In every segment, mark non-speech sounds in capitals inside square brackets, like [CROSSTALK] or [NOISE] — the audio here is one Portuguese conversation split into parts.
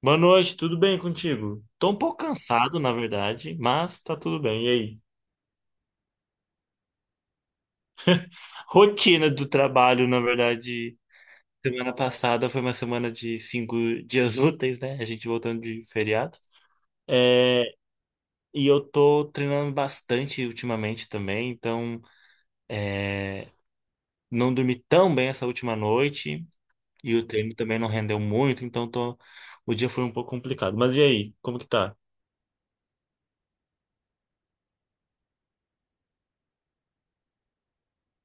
Boa noite, tudo bem contigo? Tô um pouco cansado, na verdade, mas tá tudo bem. E aí? Rotina do trabalho, na verdade, semana passada foi uma semana de 5 dias [LAUGHS] úteis, né? A gente voltando de feriado. É, e eu tô treinando bastante ultimamente também, então não dormi tão bem essa última noite e o treino também não rendeu muito, então tô, o dia foi um pouco complicado. Mas e aí? Como que tá?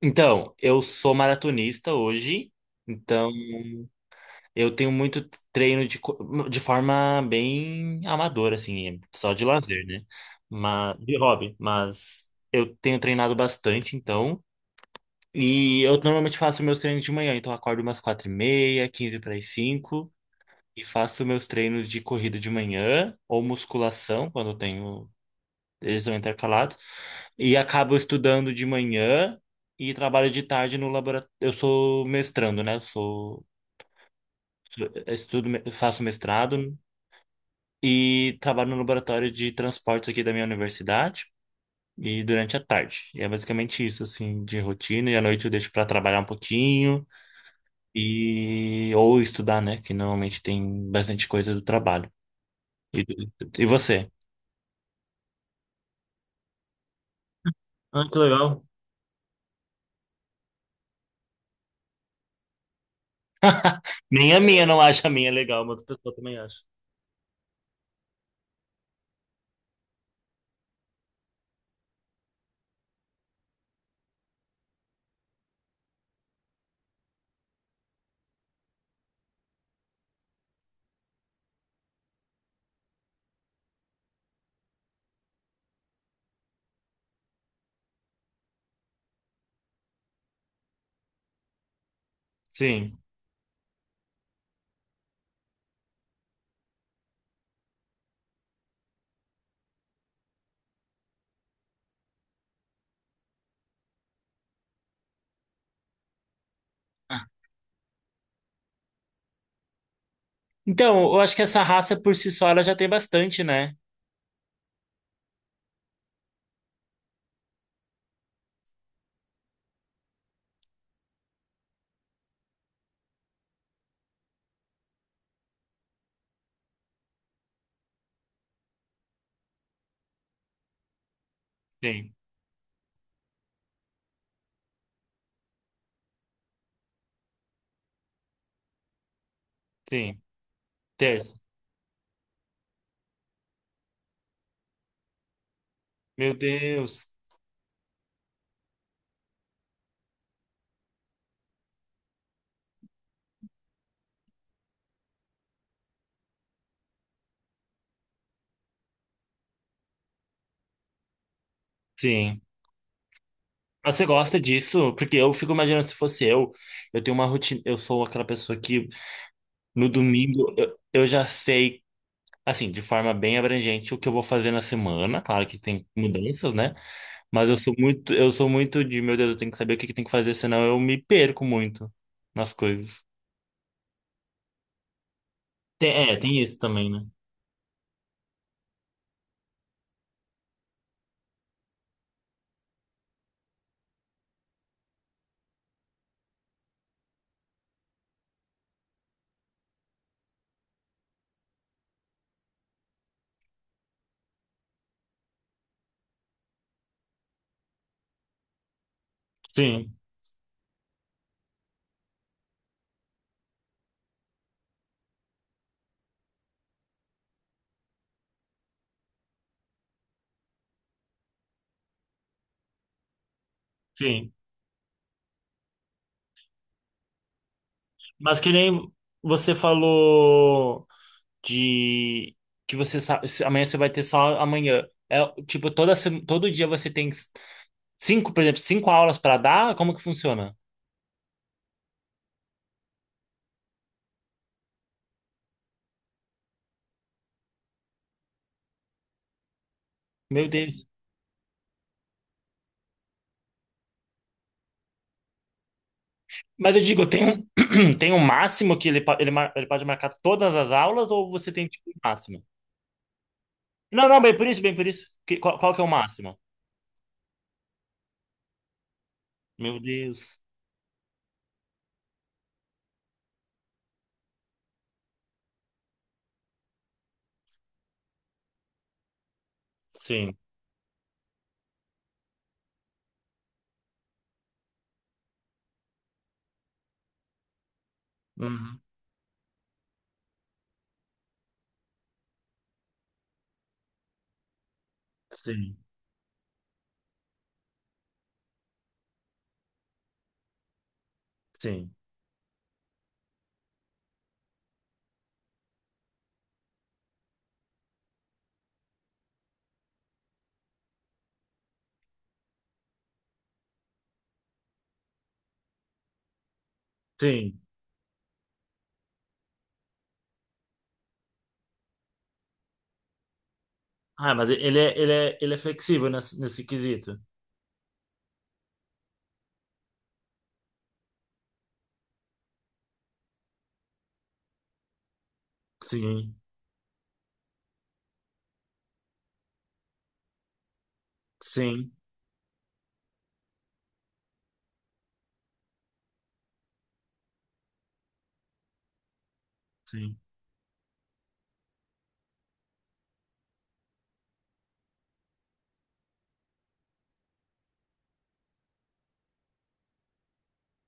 Então, eu sou maratonista hoje. Então, eu tenho muito treino de forma bem amadora, assim, só de lazer, né? Mas, de hobby, mas eu tenho treinado bastante, então. E eu normalmente faço meus treinos de manhã, então eu acordo umas 4h30, quinze para as cinco, e faço meus treinos de corrida de manhã, ou musculação, quando eu tenho. Eles são intercalados. E acabo estudando de manhã e trabalho de tarde no laboratório. Eu sou mestrando, né? Estudo, faço mestrado e trabalho no laboratório de transportes aqui da minha universidade e durante a tarde. E é basicamente isso, assim, de rotina. E à noite eu deixo para trabalhar um pouquinho e ou estudar, né? Que normalmente tem bastante coisa do trabalho. E, e você? Ah, que legal. Nem a minha não acha a minha legal, mas outra pessoa também acha. Sim. Ah. Então, eu acho que essa raça por si só ela já tem bastante, né? Sim, sim. Terça. Meu Deus. Sim. Ah, você gosta disso? Porque eu fico imaginando se fosse eu tenho uma rotina, eu sou aquela pessoa que no domingo eu já sei, assim, de forma bem abrangente o que eu vou fazer na semana. Claro que tem mudanças, né? Mas eu sou muito de, meu Deus, eu tenho que saber o que que tem que fazer, senão eu me perco muito nas coisas. É, tem isso também, né? Sim, sim. Mas que nem você falou de que você sabe, amanhã você vai ter só amanhã. É, tipo, toda, todo dia você tem. Cinco, por exemplo, cinco aulas para dar? Como que funciona? Meu Deus. Mas eu digo, tem um, [CLEARS THROAT] tem um máximo que ele pode marcar todas as aulas ou você tem tipo um máximo? Não, não, bem por isso, bem por isso. Qual que é o máximo? Meu Deus. Sim. Uhum. Sim, sim, sim. Ah, mas ele é flexível nesse quesito. Sim, sim, sim,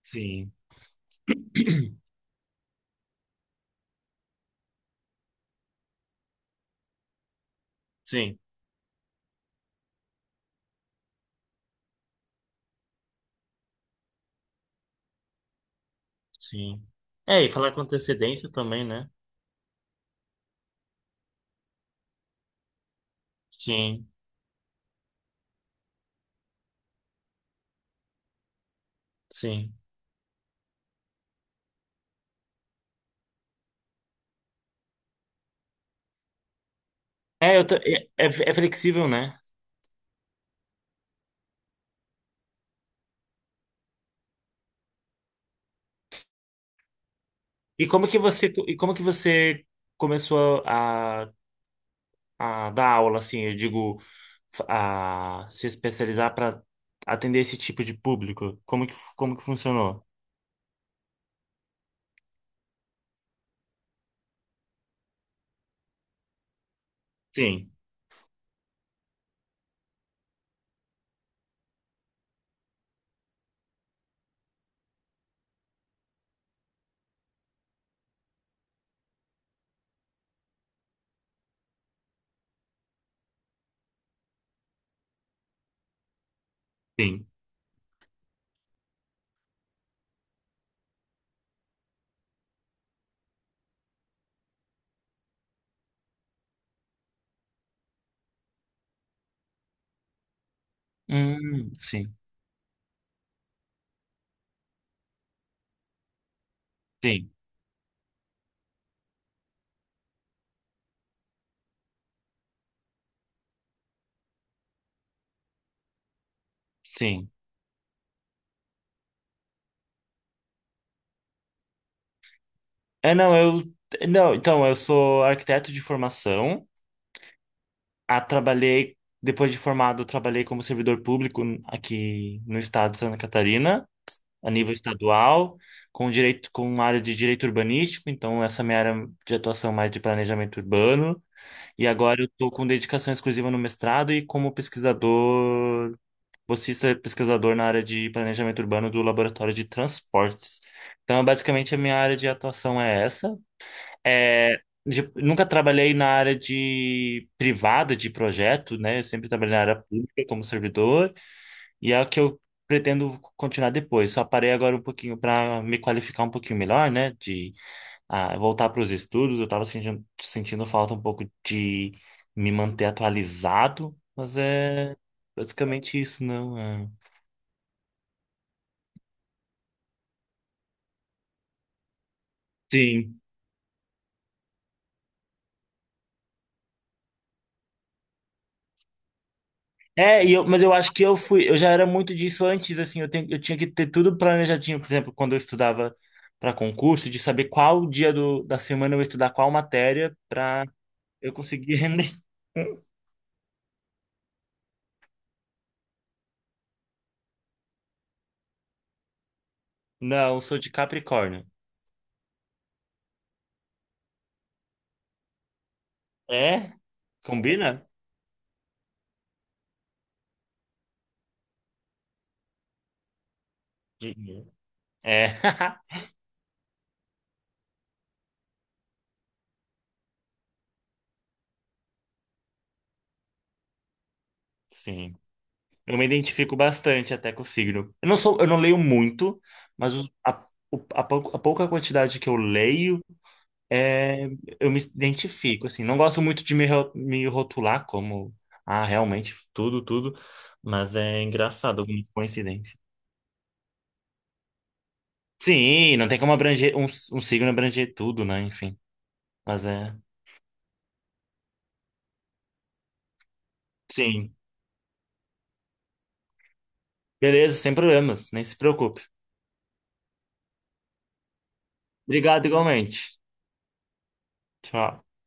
sim, [CLEARS THROAT] sim, sim. É, e falar com antecedência também, né? Sim, sim. É, é flexível, né? E como que você começou a dar aula assim, eu digo, a se especializar para atender esse tipo de público? Como que funcionou? Sim, sim. Sim, sim, sim. É, não, eu não, então eu sou arquiteto de formação. Ah, trabalhei depois de formado, eu trabalhei como servidor público aqui no estado de Santa Catarina, a nível estadual, com direito, com uma área de direito urbanístico, então essa é a minha área de atuação é mais de planejamento urbano. E agora eu estou com dedicação exclusiva no mestrado e como pesquisador, bolsista pesquisador na área de planejamento urbano do Laboratório de Transportes. Então, basicamente, a minha área de atuação é essa. É, nunca trabalhei na área de privada de projeto, né? Eu sempre trabalhei na área pública como servidor. E é o que eu pretendo continuar depois. Só parei agora um pouquinho para me qualificar um pouquinho melhor, né? De voltar para os estudos. Eu estava sentindo falta um pouco de me manter atualizado, mas é basicamente isso, não é? Sim. É, mas eu acho que eu fui, eu já era muito disso antes, assim, eu tinha que ter tudo planejadinho, por exemplo, quando eu estudava para concurso, de saber qual dia do, da semana eu ia estudar qual matéria para eu conseguir [LAUGHS] render. Não, eu sou de Capricórnio. É? Combina? Uhum. É. [LAUGHS] Sim. Eu me identifico bastante até com o signo. Eu não sou, eu não leio muito, mas a pouca quantidade que eu leio, é, eu me identifico, assim. Não gosto muito de me rotular como, realmente, tudo, tudo. Mas é engraçado algumas coincidências. Sim, não tem como abranger, um signo abranger tudo, né? Enfim. Mas é. Sim. Beleza, sem problemas. Nem se preocupe. Obrigado igualmente. Tchau.